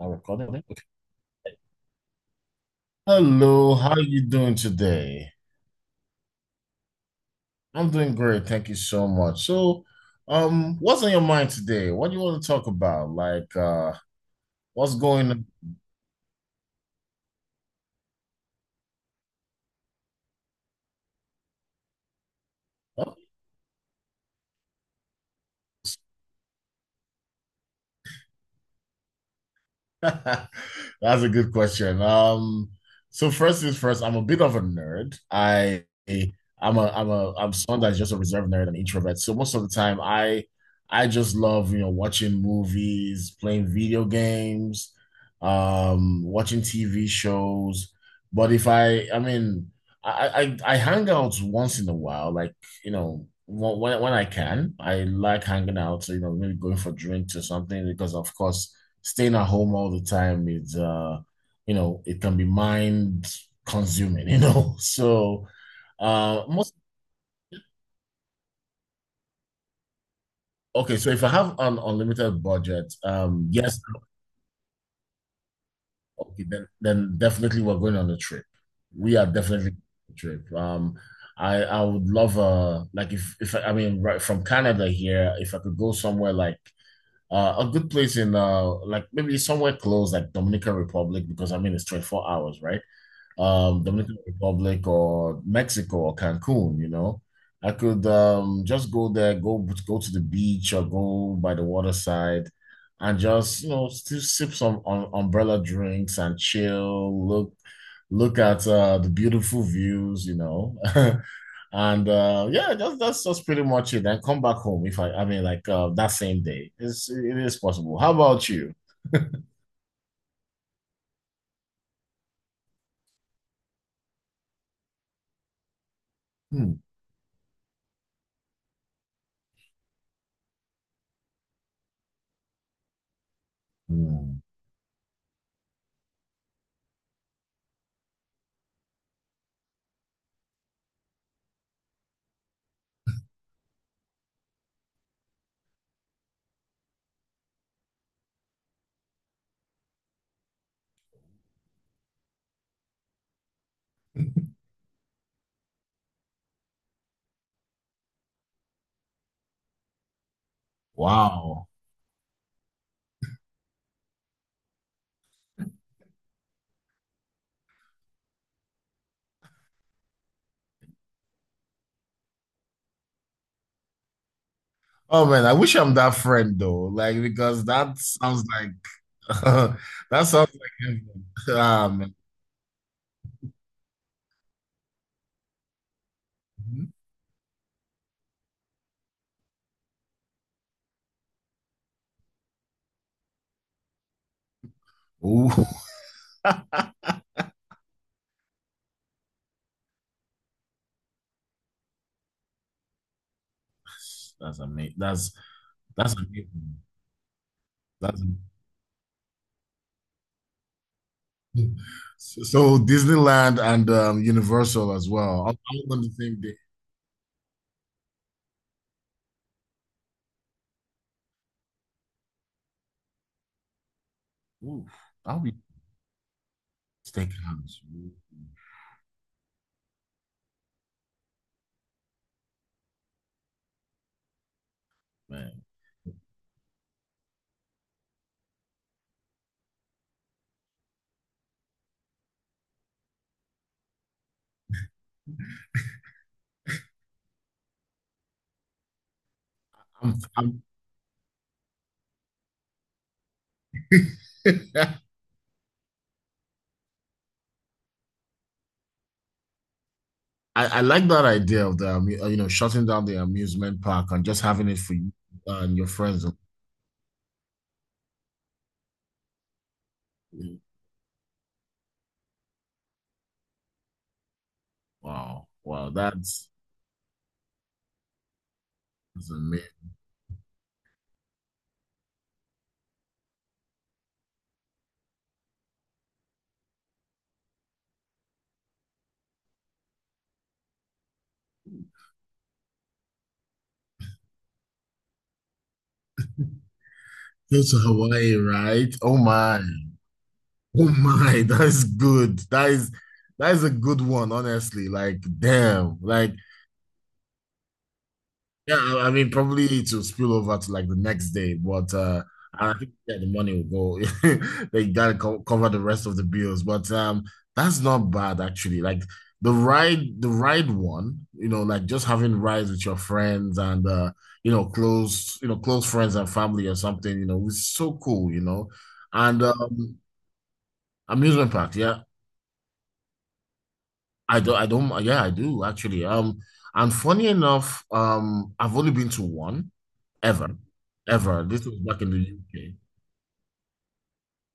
Now recording it. Okay. Hello, how are you doing today? I'm doing great, thank you so much. So, what's on your mind today? What do you want to talk about? What's going on? That's a good question. So first things first, I'm a bit of a nerd. I I'm a I'm a I'm someone that's just a reserved nerd and introvert. So most of the time I just love, you know, watching movies, playing video games, watching TV shows. But if I I mean I hang out once in a while, like, you know, when I can. I like hanging out, so you know, maybe going for drinks or something because of course staying at home all the time is you know it can be mind consuming, you know. so most Okay, so if I have an unlimited budget, yes. Okay, then definitely we're going on a trip. We are definitely on a trip. I would love like if I I mean right from Canada here, if I could go somewhere like a good place in like maybe somewhere close like Dominican Republic, because I mean it's 24 hours, right? Dominican Republic or Mexico or Cancun, you know. I could just go there, go to the beach or go by the waterside and just, you know, still sip some umbrella drinks and chill, look at the beautiful views, you know. And yeah, that's just pretty much it. And come back home if that same day. It's it is possible. How about you? Hmm. Hmm. Wow. Oh man, I wish I'm that friend though. Like because that sounds like that sounds like heaven. Ah, man. Ooh. That's amazing. That's amazing. That's amazing. So, so Disneyland and Universal as well. I'm on the same day. Ooh, I'll be steakhouse. Ooh, man, I'm I like that idea of the you know, shutting down the amusement park and just having it for you and your friends. Wow, wow, that's, that's amazing. Go to Hawaii, right? Oh my, that's good. That is a good one, honestly. Like, damn, like yeah, I mean, probably it will spill over to like the next day, but I think yeah, the money will go. They gotta co cover the rest of the bills, but that's not bad actually. Like the ride one, you know, like just having rides with your friends and you know, close friends and family or something, you know, it's so cool, you know. And Amusement park, yeah, I do, I don't, yeah, I do actually. And funny enough, I've only been to one. ever, ever. This was back in the UK.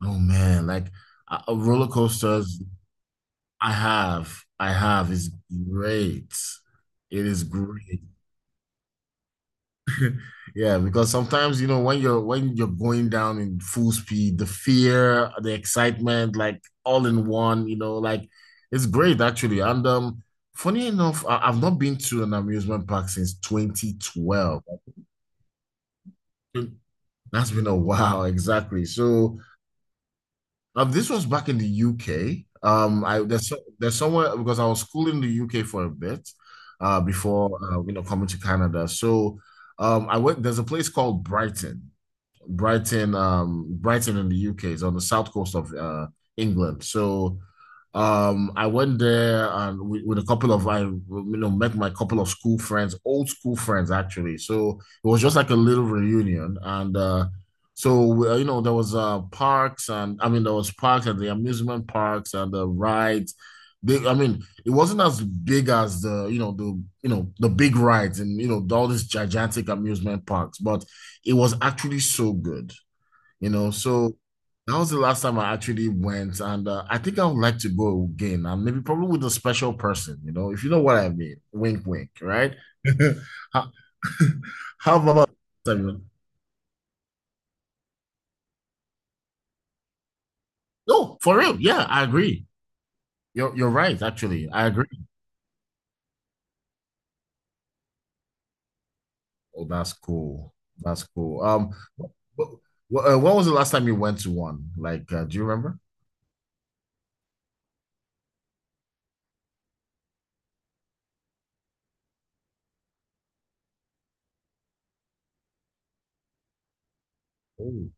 Oh man, like roller coasters. I have, I have. It's great. It is great. Yeah, because sometimes, you know, when you're going down in full speed, the fear, the excitement, like all in one. You know, like it's great actually. And Funny enough, I've not been to an amusement park since 2012. I think That's been a while, exactly. So. This was back in the UK. I there's somewhere because I was schooling in the UK for a bit, before you know, coming to Canada. So, I went. There's a place called Brighton. Brighton in the UK is on the south coast of England. So I went there, with a couple of I you know met my couple of school friends, old school friends actually. So it was just like a little reunion, and you know, there was parks and the amusement parks and the rides. They, I mean, it wasn't as big as the big rides and you know all these gigantic amusement parks, but it was actually so good, you know. So that was the last time I actually went, and I think I would like to go again, and maybe probably with a special person, you know, if you know what I mean. Wink, wink, right? How, how about Samuel? No, for real. Yeah, I agree. You're right. Actually, I agree. Oh, that's cool. That's cool. Um, what, what was the last time you went to one? Do you remember? Oh,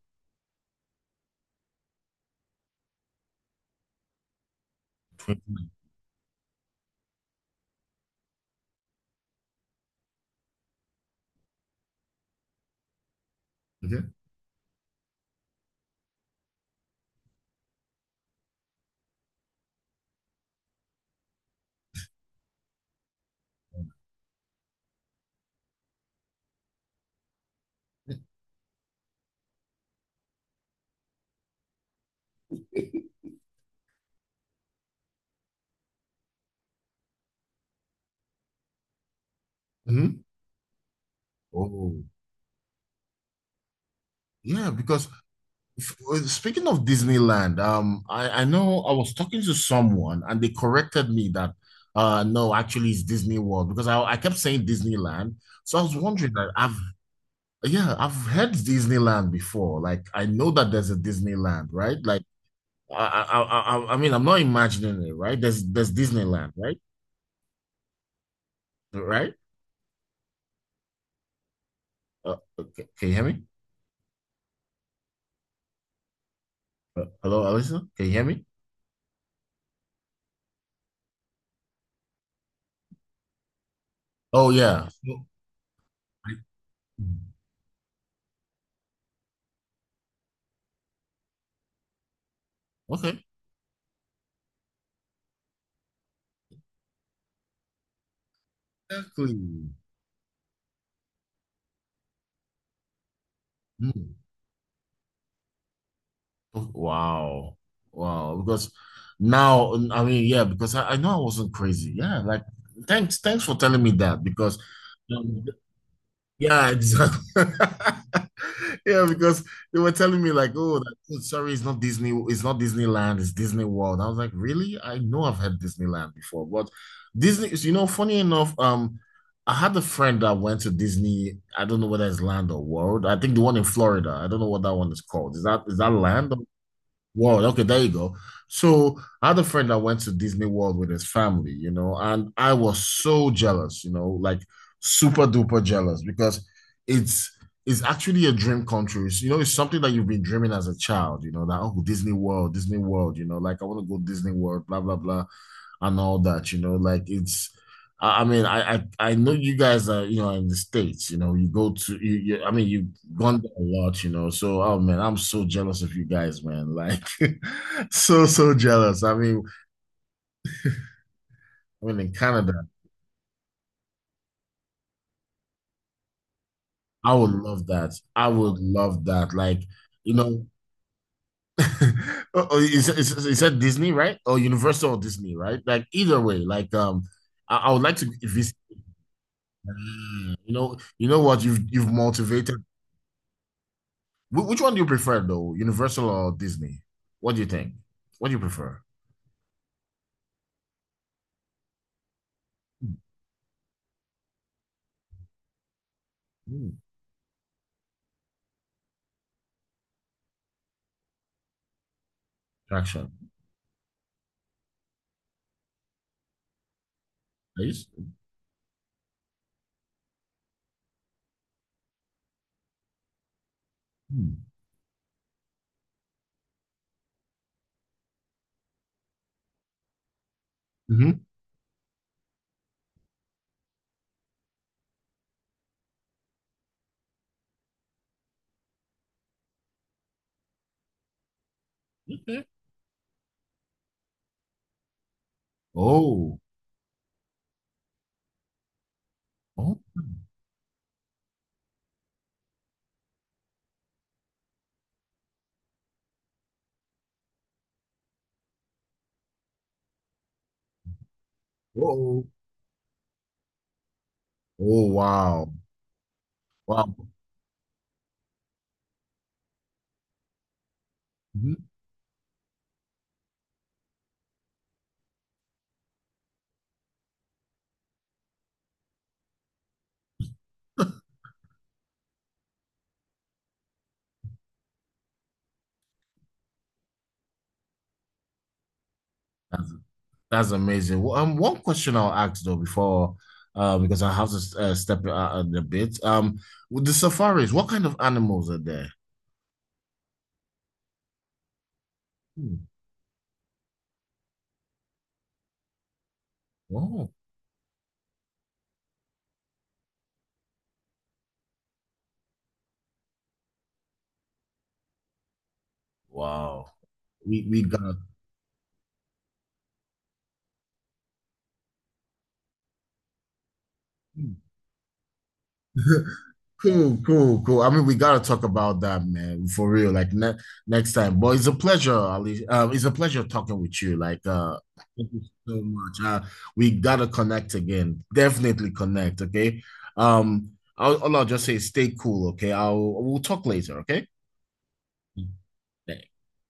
okay. Mhm. Oh, yeah, because speaking of Disneyland, I know I was talking to someone and they corrected me that no, actually it's Disney World, because I kept saying Disneyland. So I was wondering that I've yeah, I've heard Disneyland before. Like I know that there's a Disneyland, right? Like I'm not imagining it, right? There's Disneyland, right? Right? Okay. Can you hear me? Hello, Alyssa? Can you hear me? Oh yeah. So, I- okay. Exactly. Hmm. Wow. Wow. Because now, I mean, yeah, because I know I wasn't crazy. Yeah, like thanks for telling me that because um, yeah, exactly. Yeah, because they were telling me like, oh, oh, sorry, it's not it's not Disneyland, it's Disney World. I was like, really? I know I've had Disneyland before, but Disney, you know, funny enough, I had a friend that went to Disney. I don't know whether it's Land or World. I think the one in Florida. I don't know what that one is called. Is that Land? World, okay, there you go. So I had a friend that went to Disney World with his family, you know, and I was so jealous, you know, like super duper jealous because it's actually a dream come true. It's, you know, it's something that you've been dreaming as a child, you know, that oh Disney World, Disney World, you know, like I want to go Disney World, blah blah blah and all that, you know, like it's I mean, I know you guys are, you know, in the States, you know, you you've gone there a lot, you know. So, oh man, I'm so jealous of you guys, man. Like so jealous. I mean in Canada, I would love that. I would love that. Like, you know, oh, oh, is that Disney, right? Or Universal or Disney, right? Like either way, like um, I would like to visit. You know what? You've motivated which one do you prefer though, Universal or Disney? What do you think? What do you prefer? Hmm, action, please. Hmm. Mhm. Okay. Oh, oh, oh, oh, wow, wow. Mhm. That's, that's amazing. Well, one question I'll ask though before, because I have to step out a bit. With the safaris, what kind of animals are there? Hmm. Oh, wow. We got. Cool. I mean, we gotta talk about that, man, for real. Like ne next time. But it's a pleasure, Ali. It's a pleasure talking with you. Thank you so much. We gotta connect again. Definitely connect, okay? All I'll just say, is stay cool, okay? I'll We'll talk later, okay? Thanks.